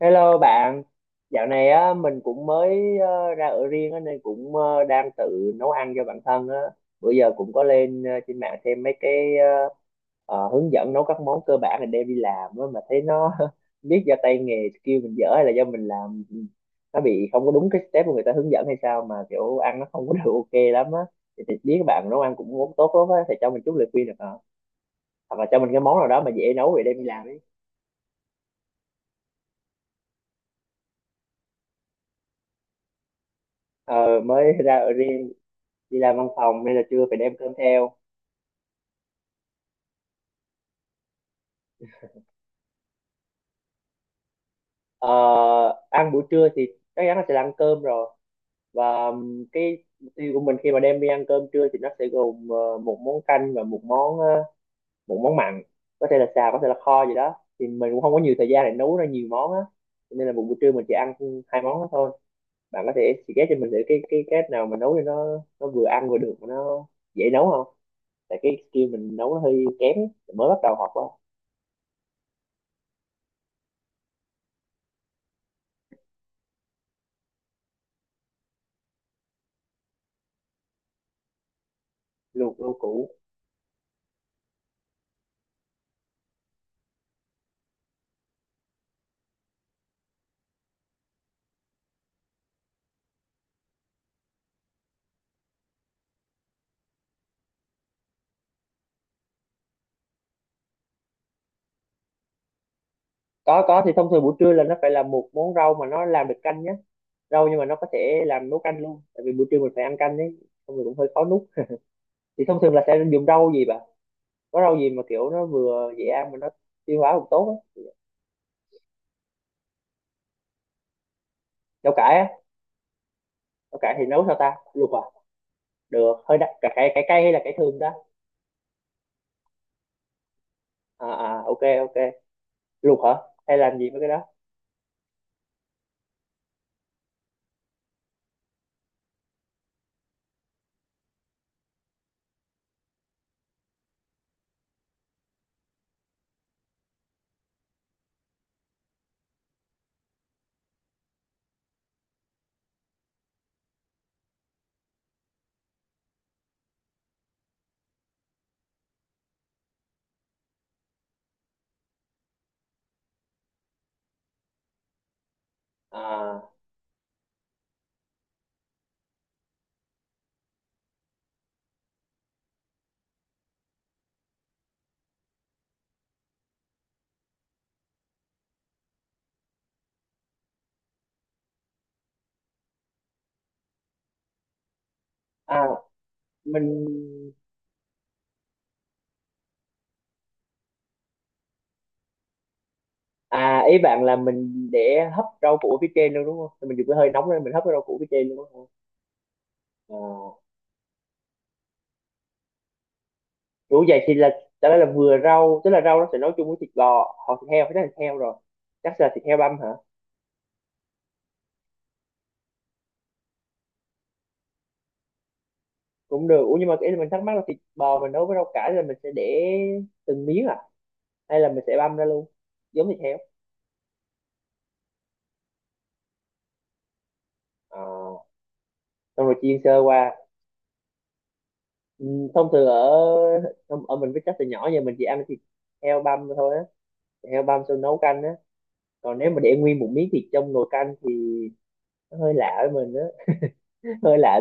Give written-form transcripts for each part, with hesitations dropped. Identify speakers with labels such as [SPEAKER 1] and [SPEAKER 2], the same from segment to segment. [SPEAKER 1] Hello bạn, dạo này á mình cũng mới ra ở riêng á, nên cũng đang tự nấu ăn cho bản thân á. Bữa giờ cũng có lên trên mạng xem mấy cái hướng dẫn nấu các món cơ bản để đem đi làm á, mà thấy nó biết do tay nghề skill mình dở hay là do mình làm nó bị không có đúng cái step mà người ta hướng dẫn hay sao mà kiểu ăn nó không có được ok lắm á. Thì biết các bạn nấu ăn cũng tốt lắm á, thì cho mình chút lời khuyên được không? Hoặc là cho mình cái món nào đó mà dễ nấu để đem đi làm ấy. Ờ, mới ra ở riêng, đi làm văn phòng nên là trưa phải đem cơm theo. Ờ, ăn buổi trưa thì chắc chắn là sẽ là ăn cơm rồi, và cái mục tiêu của mình khi mà đem đi ăn cơm trưa thì nó sẽ gồm một món canh và một món một món mặn, có thể là xào có thể là kho gì đó, thì mình cũng không có nhiều thời gian để nấu ra nhiều món á. Cho nên là một buổi trưa mình chỉ ăn hai món đó thôi. Bạn có thể suggest cho mình thử cái cách nào mà nấu cho nó vừa ăn vừa được mà nó dễ nấu không, tại cái skill mình nấu nó hơi kém, mới bắt đầu học á. Luộc rau củ, có thì thông thường buổi trưa là nó phải là một món rau mà nó làm được canh nhé, rau nhưng mà nó có thể làm nấu canh luôn, tại vì buổi trưa mình phải ăn canh đấy, thông thường cũng hơi khó nuốt. Thì thông thường là sẽ dùng rau gì bà? Có rau gì mà kiểu nó vừa dễ ăn mà nó tiêu hóa cũng tốt á? Rau cải á? Rau cải thì nấu sao ta, luộc à? Được, hơi đắt, cải cải cải cay hay là cải thường ta? À à, ok, ok, luộc hả? Hay làm gì với cái đó? À à mình à ý bạn là mình để hấp rau củ phía trên luôn đúng không, thì mình dùng cái hơi nóng lên mình hấp cái rau củ phía trên luôn đúng không? À. Ủa vậy thì là đó là vừa rau, tức là rau nó sẽ nấu chung với thịt bò hoặc thịt heo, phải là thịt heo rồi, chắc là thịt heo băm hả? Cũng được. Ủa nhưng mà cái mình thắc mắc là thịt bò mình nấu với rau cải là mình sẽ để từng miếng à, hay là mình sẽ băm ra luôn giống thịt heo? À, xong rồi chiên sơ qua. Ừ, thông thường ở ở mình, với chắc từ nhỏ giờ mình chỉ ăn thịt heo băm thôi á, thịt heo băm xong nấu canh á. Còn nếu mà để nguyên một miếng thịt trong nồi canh thì nó hơi lạ với mình á. Hơi lạ.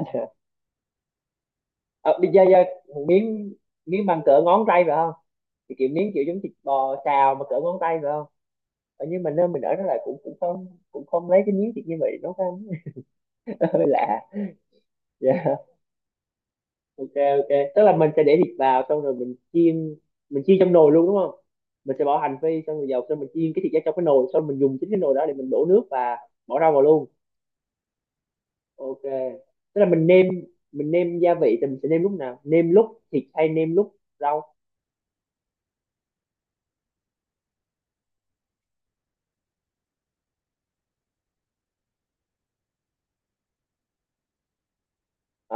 [SPEAKER 1] À, do một miếng, miếng bằng cỡ ngón tay phải không? Thì kiểu miếng kiểu giống thịt bò xào mà cỡ ngón tay phải không? Ở nhưng mà nơi mình ở đó là cũng cũng không lấy cái miếng thịt như vậy để nấu ăn. Hơi lạ. Dạ, ok, ok. Tức là mình sẽ để thịt vào xong rồi mình chiên, mình chiên trong nồi luôn đúng không? Mình sẽ bỏ hành phi xong rồi dầu, xong mình chiên cái thịt ra trong cái nồi, xong mình dùng chính cái nồi đó để mình đổ nước và bỏ rau vào luôn. Ok, tức là mình nêm, mình nêm gia vị thì mình sẽ nêm lúc nào, nêm lúc thịt hay nêm lúc rau? À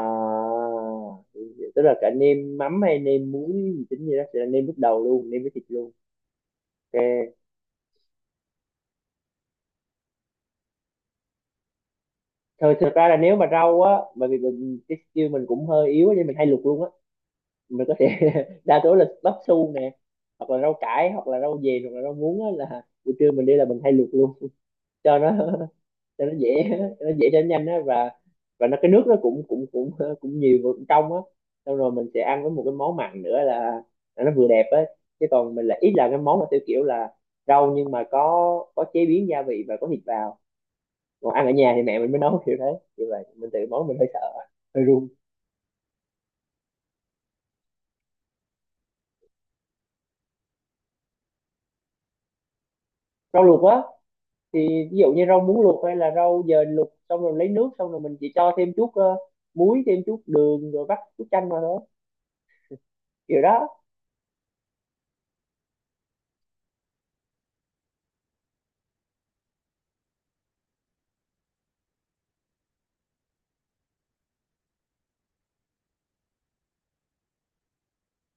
[SPEAKER 1] tức là cả nêm mắm hay nêm muối gì tính gì đó sẽ là nêm lúc đầu luôn, nêm với thịt luôn. Ok, thôi thật ra là nếu mà rau á, bởi vì mình, cái skill mình cũng hơi yếu á, nên mình hay luộc luôn á. Mình có thể đa số là bắp su nè, hoặc là rau cải hoặc là rau dền hoặc là rau muống á, là buổi trưa mình đi là mình hay luộc luôn cho nó, cho nó dễ, cho nó dễ cho nó nhanh á, và nó cái nước nó cũng cũng cũng cũng nhiều và cũng trong á. Xong rồi mình sẽ ăn với một cái món mặn nữa là nó vừa đẹp á. Chứ còn mình là ít là cái món mà theo kiểu là rau nhưng mà có chế biến gia vị và có thịt vào. Còn ăn ở nhà thì mẹ mình mới nấu kiểu thế, như vậy mình tự món mình hơi sợ, hơi run. Rau luộc á, thì ví dụ như rau muống luộc hay là rau dền luộc, xong rồi lấy nước, xong rồi mình chỉ cho thêm chút muối, thêm chút đường rồi vắt chút chanh vào thôi, kiểu đó.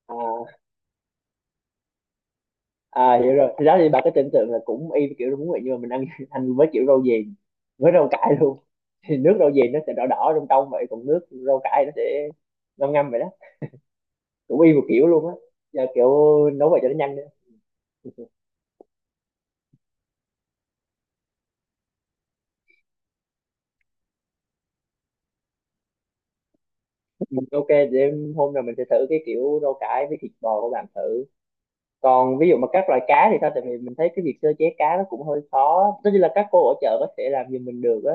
[SPEAKER 1] À, à hiểu rồi, thì đó thì bà cứ tưởng tượng là cũng y kiểu đúng vậy, nhưng mà mình ăn ăn với kiểu rau diền với rau cải luôn. Thì nước rau diền nó sẽ đỏ đỏ trong trong vậy, còn nước rau cải nó sẽ ngâm ngâm vậy đó, cũng y một kiểu luôn á. Giờ kiểu nấu vậy cho nó nhanh nữa. Ok, để hôm nào mình sẽ thử cái kiểu rau cải với thịt bò của bạn thử. Còn ví dụ mà các loại cá thì sao, tại vì mình thấy cái việc sơ chế cá nó cũng hơi khó, tất nhiên là các cô ở chợ có thể làm giùm mình được á,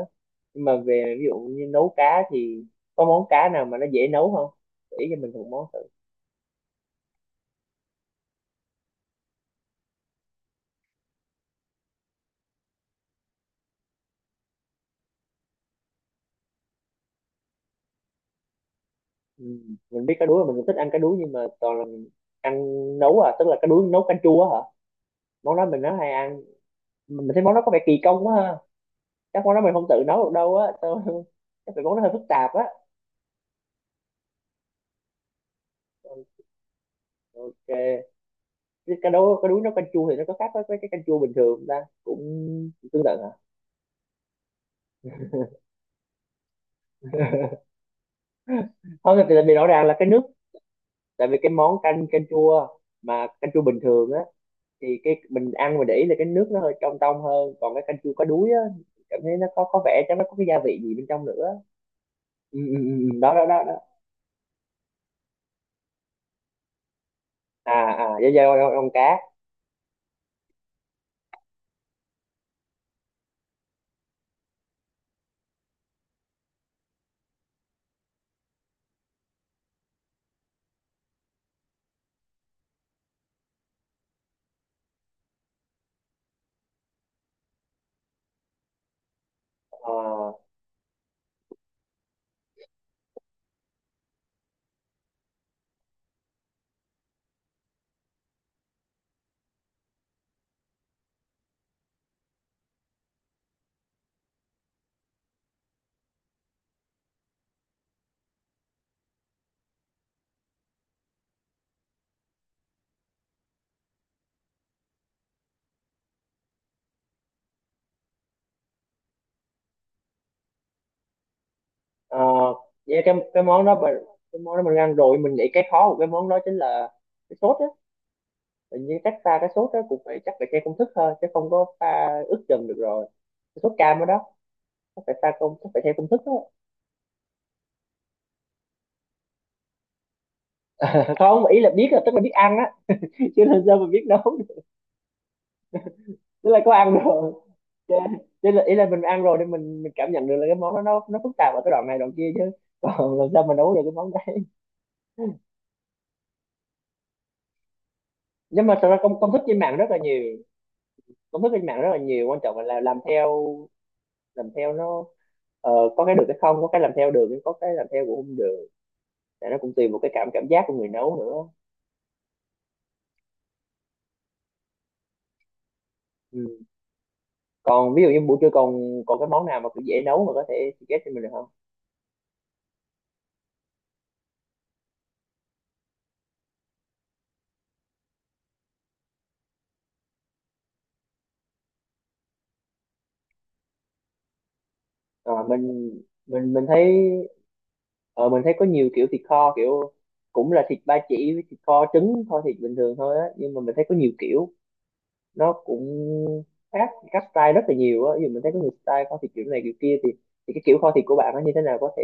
[SPEAKER 1] nhưng mà về ví dụ như nấu cá thì có món cá nào mà nó dễ nấu không, chỉ cho mình một món thử. Ừ. Mình biết cá đuối, mình cũng thích ăn cá đuối, nhưng mà toàn là mình ăn nấu, à tức là cá đuối nấu canh chua á hả, món đó mình nó hay ăn. Mình thấy món đó có vẻ kỳ công quá ha, chắc món đó mình không tự nấu được đâu á. Sao- chắc phải món nó hơi phức tạp á. Ok, cái cá đuối nấu canh chua thì nó có khác với cái canh chua bình thường không ta, cũng cũng tương tự hả? Không thì tại vì rõ ràng là cái nước, tại vì cái món canh canh chua, mà canh chua bình thường á, thì cái mình ăn mình để ý là cái nước nó hơi trong trong hơn, còn cái canh chua có đuối á cảm thấy nó có vẻ chắc nó có cái gia vị gì bên trong nữa. Ừ, đó đó đó đó. À à, da da con cá. Ờ ờ, với cái món đó mình- cái món đó mình ăn rồi, mình nghĩ cái khó của cái món đó chính là cái sốt á. Hình như chắc pha cái sốt đó cũng phải chắc phải theo công thức thôi, chứ không có pha ướp chừng được rồi. Cái sốt cam đó đó, chắc phải pha công chắc phải theo công thức á. Không, ý là biết là tức là biết ăn á, chứ là sao mình biết nấu được. Tức là có ăn rồi. Chứ- là ý là mình ăn rồi nên mình cảm nhận được là cái món đó nó phức tạp ở cái đoạn này đoạn kia chứ còn làm sao mình nấu được cái món đấy. Nhưng mà thật ra công công thức trên mạng rất là nhiều, công thức trên mạng rất là nhiều, quan trọng là làm theo, làm theo nó ờ, có cái được cái không, có cái làm theo được nhưng có cái làm theo cũng không được, tại nó cũng tùy một cái cảm cảm giác của người nấu nữa. Ừ. Còn ví dụ như buổi trưa còn còn cái món nào mà cũng dễ nấu mà có thể suggest cho mình được không? Ờ, mình thấy ờ, mình thấy có nhiều kiểu thịt kho kiểu, cũng là thịt ba chỉ với thịt kho trứng kho thịt bình thường thôi á, nhưng mà mình thấy có nhiều kiểu nó cũng khác các style rất là nhiều á. Ví dụ mình thấy có nhiều style kho thịt kiểu này kiểu kia, thì cái kiểu kho thịt của bạn nó như thế nào, có thể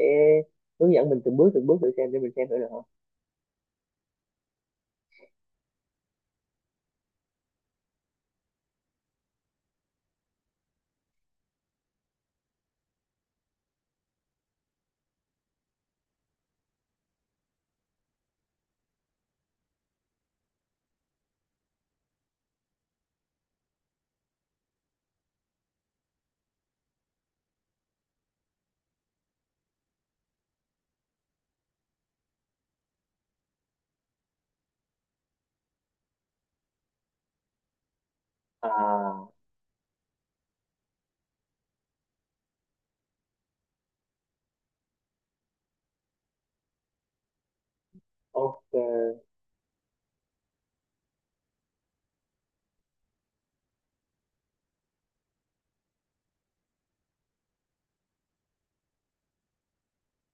[SPEAKER 1] hướng dẫn mình từng bước thử xem để mình xem thử được không? À ok.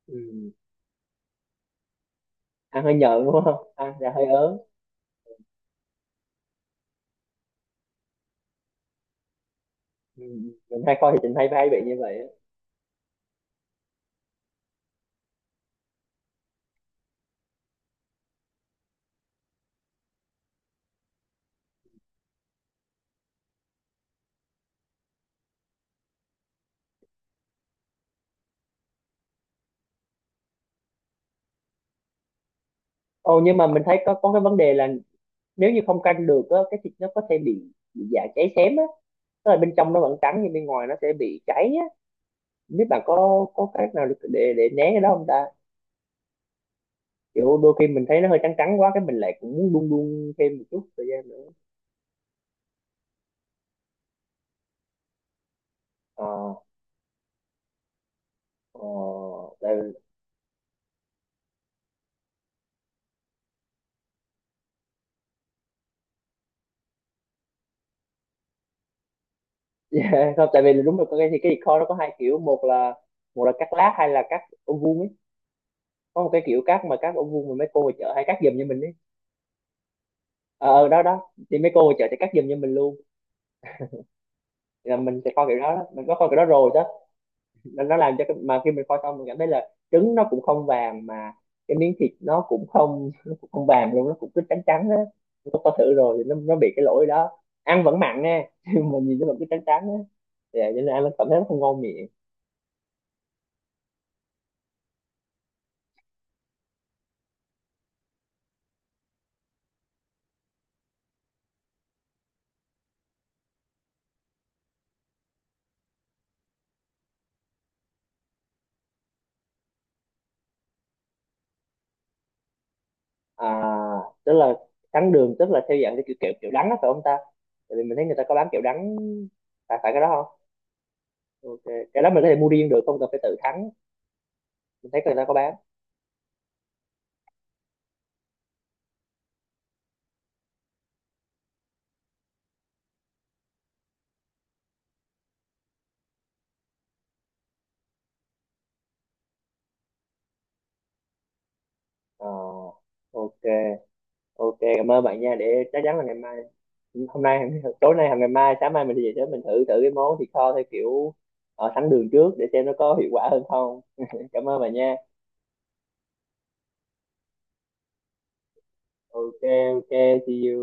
[SPEAKER 1] Ừ. Ăn hơi nhợn đúng không, ăn là hơi ớn. Ừ. Mình hay kho thịt mình hay hay bị như vậy á. Ồ nhưng mà mình thấy có cái vấn đề là nếu như không canh được á cái thịt nó có thể bị, dạ cháy xém á, tức là bên trong nó vẫn trắng nhưng bên ngoài nó sẽ bị cháy á. Không biết bạn có cách nào để né cái đó không ta, kiểu đôi khi mình thấy nó hơi trắng trắng quá cái mình lại cũng muốn đun đun thêm một chút thời gian nữa. Ờ ờ, tại vì, không tại vì là đúng rồi, có cái thì cái thịt kho nó có hai kiểu, một là cắt lát hay là cắt ô vuông ấy, có một cái kiểu cắt mà cắt ô vuông mà mấy cô ở chợ hay cắt giùm cho mình ấy. Ờ ờ, đó đó, thì mấy cô ở chợ sẽ cắt giùm cho mình luôn. Thì là mình sẽ kho kiểu đó, đó. Mình có kho kiểu đó rồi, nó làm cho cái, mà khi mình kho xong mình cảm thấy là trứng nó cũng không vàng, mà cái miếng thịt nó cũng không vàng luôn, nó cũng cứ trắng trắng á. Nó có thử rồi thì nó bị cái lỗi đó, ăn vẫn mặn nha nhưng mà nhìn nó vẫn cứ trắng trắng á, thì vậy cho nên ăn nó cảm thấy nó không ngon miệng. À tức là trắng đường tức là theo dạng cái kiểu kiểu, kiểu đắng đó phải không ta? Tại vì mình thấy người ta có bán kiểu đắng, phải phải cái đó không? Ok, cái đó mình có thể mua riêng được không cần phải tự thắng, mình thấy người ta có bán. Ờ, ok, ok, cảm ơn bạn nha. Để chắc chắn là ngày mai, hôm nay, tối nay hoặc ngày mai sáng mai mình đi về sớm mình thử thử cái món thịt kho theo kiểu ờ, sẵn đường trước để xem nó có hiệu quả hơn không. Cảm ơn bạn nha. Ok, ok, see you.